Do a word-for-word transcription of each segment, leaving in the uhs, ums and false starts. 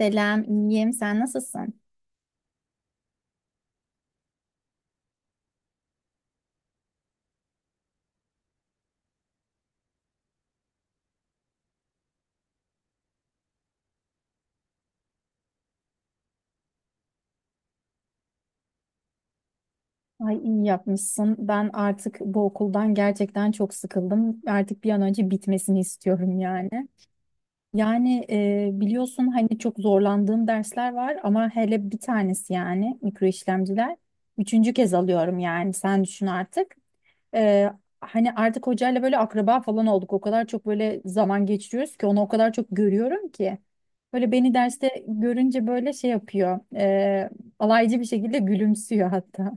Selam, iyiyim. Sen nasılsın? Ay iyi yapmışsın. Ben artık bu okuldan gerçekten çok sıkıldım. Artık bir an önce bitmesini istiyorum yani. Yani e, biliyorsun hani çok zorlandığım dersler var ama hele bir tanesi yani mikro işlemciler. Üçüncü kez alıyorum yani sen düşün artık. E, Hani artık hocayla böyle akraba falan olduk. O kadar çok böyle zaman geçiriyoruz ki onu o kadar çok görüyorum ki. Böyle beni derste görünce böyle şey yapıyor, e, alaycı bir şekilde gülümsüyor hatta.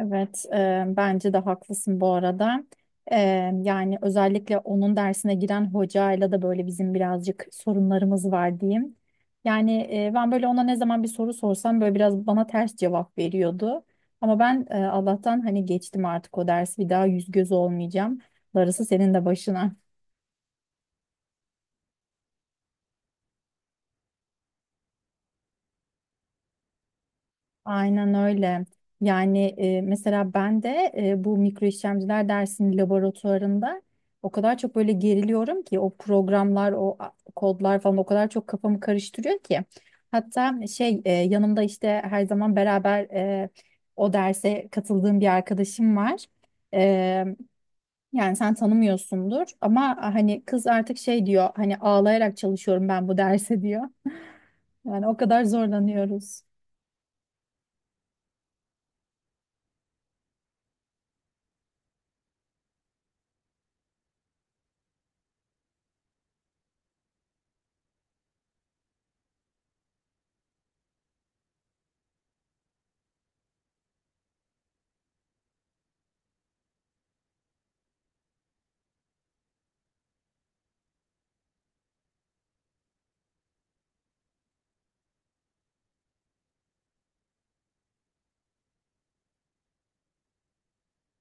Evet, e, bence de haklısın bu arada. E, yani özellikle onun dersine giren hocayla da böyle bizim birazcık sorunlarımız var diyeyim. Yani e, ben böyle ona ne zaman bir soru sorsam böyle biraz bana ters cevap veriyordu. Ama ben e, Allah'tan hani geçtim artık o dersi, bir daha yüz göz olmayacağım. Darısı senin de başına. Aynen öyle. Yani e, mesela ben de e, bu mikro işlemciler dersinin laboratuvarında o kadar çok böyle geriliyorum ki, o programlar, o a- kodlar falan o kadar çok kafamı karıştırıyor ki. Hatta şey e, yanımda işte her zaman beraber e, o derse katıldığım bir arkadaşım var. E, yani sen tanımıyorsundur ama, "Ah, hani kız artık şey diyor, hani ağlayarak çalışıyorum ben bu derse diyor." Yani o kadar zorlanıyoruz.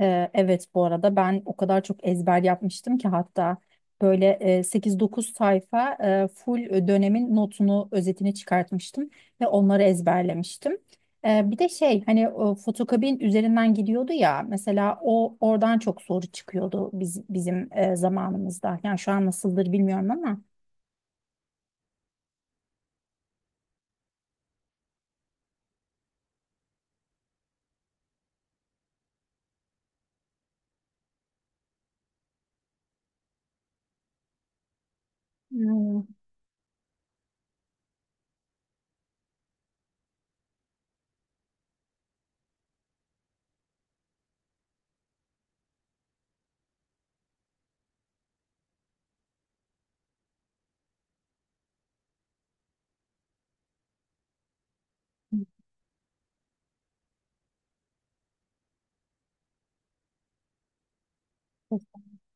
Ee, evet bu arada, ben o kadar çok ezber yapmıştım ki, hatta böyle e, sekiz dokuz sayfa e, full dönemin notunu, özetini çıkartmıştım ve onları ezberlemiştim. Ee, bir de şey, hani o fotokabin üzerinden gidiyordu ya mesela, o oradan çok soru çıkıyordu biz, bizim e, zamanımızda. Yani şu an nasıldır bilmiyorum ama.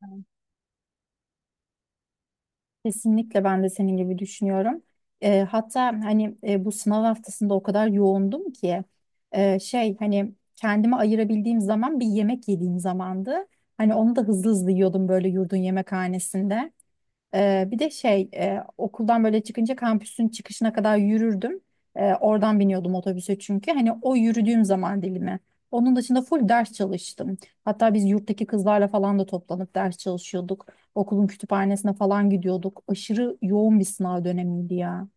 Hmm. Kesinlikle ben de senin gibi düşünüyorum. Eee, hatta hani e, bu sınav haftasında o kadar yoğundum ki, e, şey, hani kendime ayırabildiğim zaman bir yemek yediğim zamandı. Hani onu da hızlı hızlı yiyordum böyle yurdun yemekhanesinde. Ee, bir de şey, e, okuldan böyle çıkınca kampüsün çıkışına kadar yürürdüm. Ee, oradan biniyordum otobüse çünkü. Hani o yürüdüğüm zaman dilimi. Onun dışında full ders çalıştım. Hatta biz yurttaki kızlarla falan da toplanıp ders çalışıyorduk. Okulun kütüphanesine falan gidiyorduk. Aşırı yoğun bir sınav dönemiydi ya.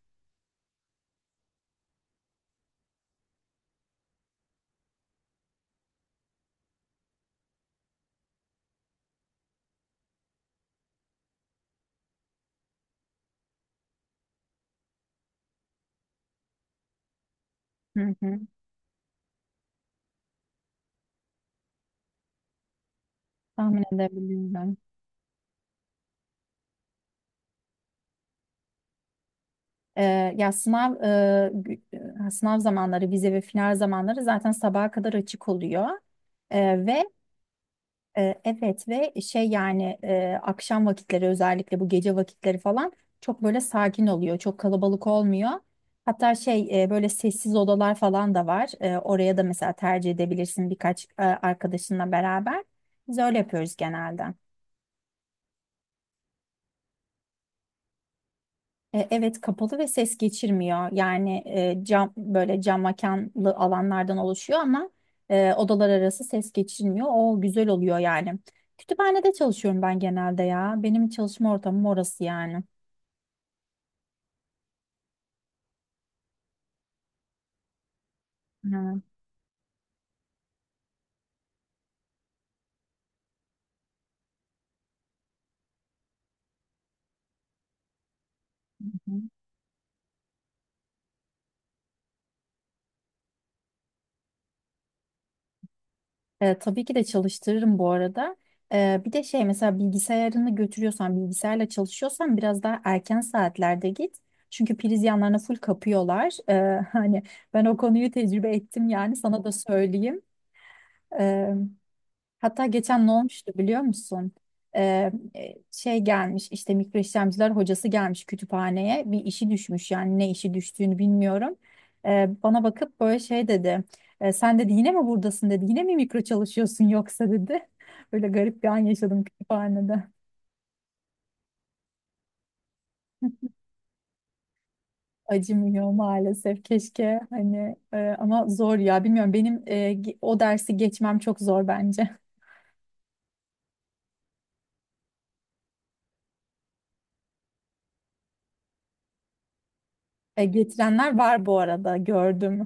Hı hı. Tahmin edebiliyorum ben. Ee, ya sınav e, gü- e, sınav zamanları, vize ve final zamanları zaten sabaha kadar açık oluyor. Ee, ve E, Evet, ve şey yani e, akşam vakitleri, özellikle bu gece vakitleri falan çok böyle sakin oluyor. Çok kalabalık olmuyor. Hatta şey, e, böyle sessiz odalar falan da var. E, oraya da mesela tercih edebilirsin birkaç e, arkadaşınla beraber. Biz öyle yapıyoruz genelde. E, Evet, kapalı ve ses geçirmiyor. Yani e, cam, böyle cam mekanlı alanlardan oluşuyor ama e, odalar arası ses geçirmiyor. O güzel oluyor yani. Kütüphanede çalışıyorum ben genelde ya. Benim çalışma ortamım orası yani. Hı hı. E, tabii ki de çalıştırırım bu arada. E, bir de şey, mesela bilgisayarını götürüyorsan, bilgisayarla çalışıyorsan biraz daha erken saatlerde git. Çünkü priz yanlarına full kapıyorlar. E, hani ben o konuyu tecrübe ettim, yani sana da söyleyeyim. E, Hatta geçen ne olmuştu biliyor musun? Ee, e, Şey gelmiş, işte mikro işlemciler hocası gelmiş kütüphaneye, bir işi düşmüş yani. Ne işi düştüğünü bilmiyorum. Ee, bana bakıp böyle şey dedi. "E, sen dedi, yine mi buradasın dedi. Yine mi mikro çalışıyorsun yoksa dedi." Böyle garip bir an yaşadım kütüphanede. Acımıyor maalesef, keşke. Hani e, ama zor ya, bilmiyorum, benim e, ge- o dersi geçmem çok zor bence. E, getirenler var bu arada, gördüm.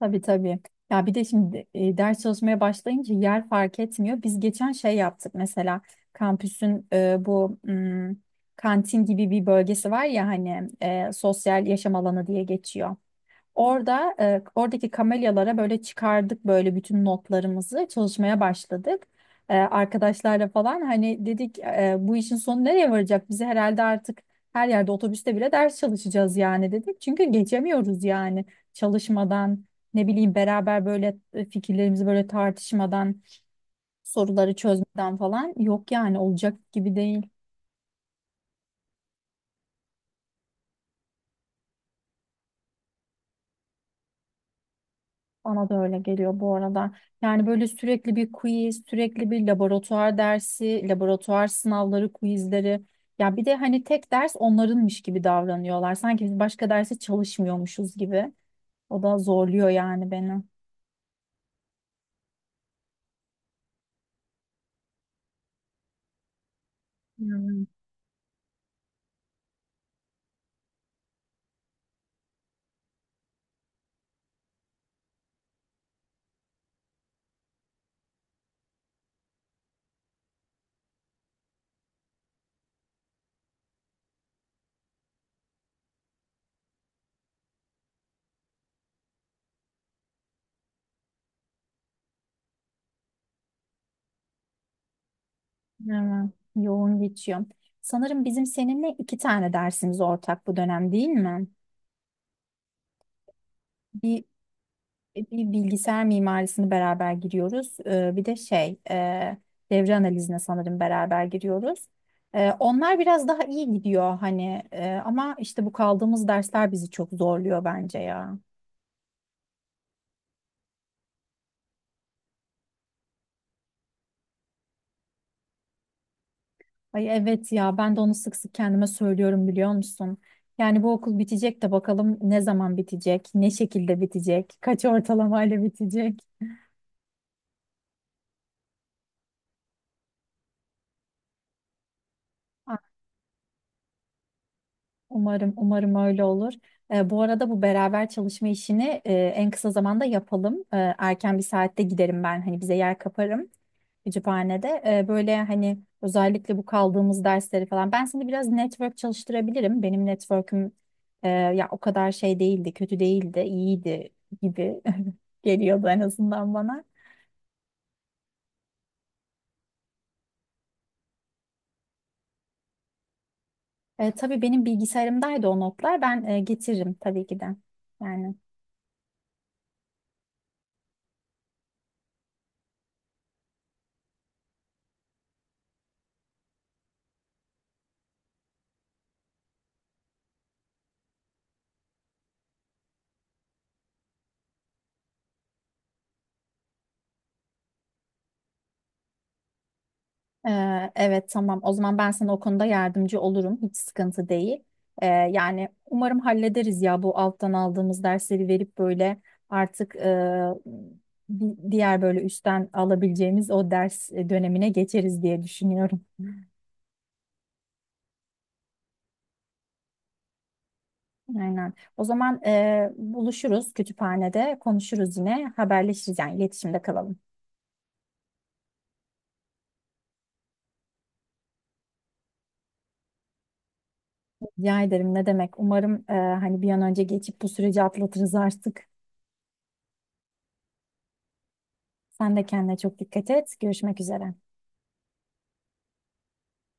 Tabii, tabii. Ya bir de şimdi e, ders çalışmaya başlayınca yer fark etmiyor. Biz geçen şey yaptık mesela, kampüsün e, bu mm, kantin gibi bir bölgesi var ya, hani e, sosyal yaşam alanı diye geçiyor. Orada e, oradaki kamelyalara böyle çıkardık, böyle bütün notlarımızı çalışmaya başladık. E, arkadaşlarla falan hani dedik e, bu işin sonu nereye varacak? Bizi herhalde artık her yerde, otobüste bile ders çalışacağız yani dedik. Çünkü geçemiyoruz yani çalışmadan, ne bileyim, beraber böyle e, fikirlerimizi böyle tartışmadan, soruları çözmeden falan yok yani, olacak gibi değil. Bana da öyle geliyor bu arada. Yani böyle sürekli bir quiz, sürekli bir laboratuvar dersi, laboratuvar sınavları, quizleri. Ya bir de hani tek ders onlarınmış gibi davranıyorlar, sanki biz başka derse çalışmıyormuşuz gibi. O da zorluyor yani beni. Hmm, evet. Yoğun geçiyor. Sanırım bizim seninle iki tane dersimiz ortak bu dönem, değil mi? Bir bir bilgisayar mimarisini beraber giriyoruz. Ee, Bir de şey, e, devre analizine sanırım beraber giriyoruz. Ee, Onlar biraz daha iyi gidiyor hani, e, ama işte bu kaldığımız dersler bizi çok zorluyor bence ya. Ay evet ya, ben de onu sık sık kendime söylüyorum biliyor musun? Yani bu okul bitecek de, bakalım ne zaman bitecek, ne şekilde bitecek, kaç ortalamayla bitecek. Umarım, umarım öyle olur. Ee, bu arada, bu beraber çalışma işini e, en kısa zamanda yapalım. Ee, erken bir saatte giderim ben, hani bize yer kaparım kütüphanede. Ee, böyle hani özellikle bu kaldığımız dersleri falan. Ben seni biraz network çalıştırabilirim. Benim network'üm e, ya o kadar şey değildi, kötü değildi, iyiydi gibi geliyordu en azından bana. E, tabii, benim bilgisayarımdaydı o notlar. Ben e, getiririm tabii ki de. Yani. Ee, evet, tamam. O zaman ben sana o konuda yardımcı olurum, hiç sıkıntı değil. Ee, yani umarım hallederiz ya, bu alttan aldığımız dersleri verip böyle artık e, di- diğer böyle üstten alabileceğimiz o ders e, dönemine geçeriz diye düşünüyorum. Aynen. O zaman e, buluşuruz kütüphanede, konuşuruz yine, haberleşiriz yani, iletişimde kalalım. Rica ederim, ne demek. Umarım e, hani bir an önce geçip bu süreci atlatırız artık. Sen de kendine çok dikkat et. Görüşmek üzere.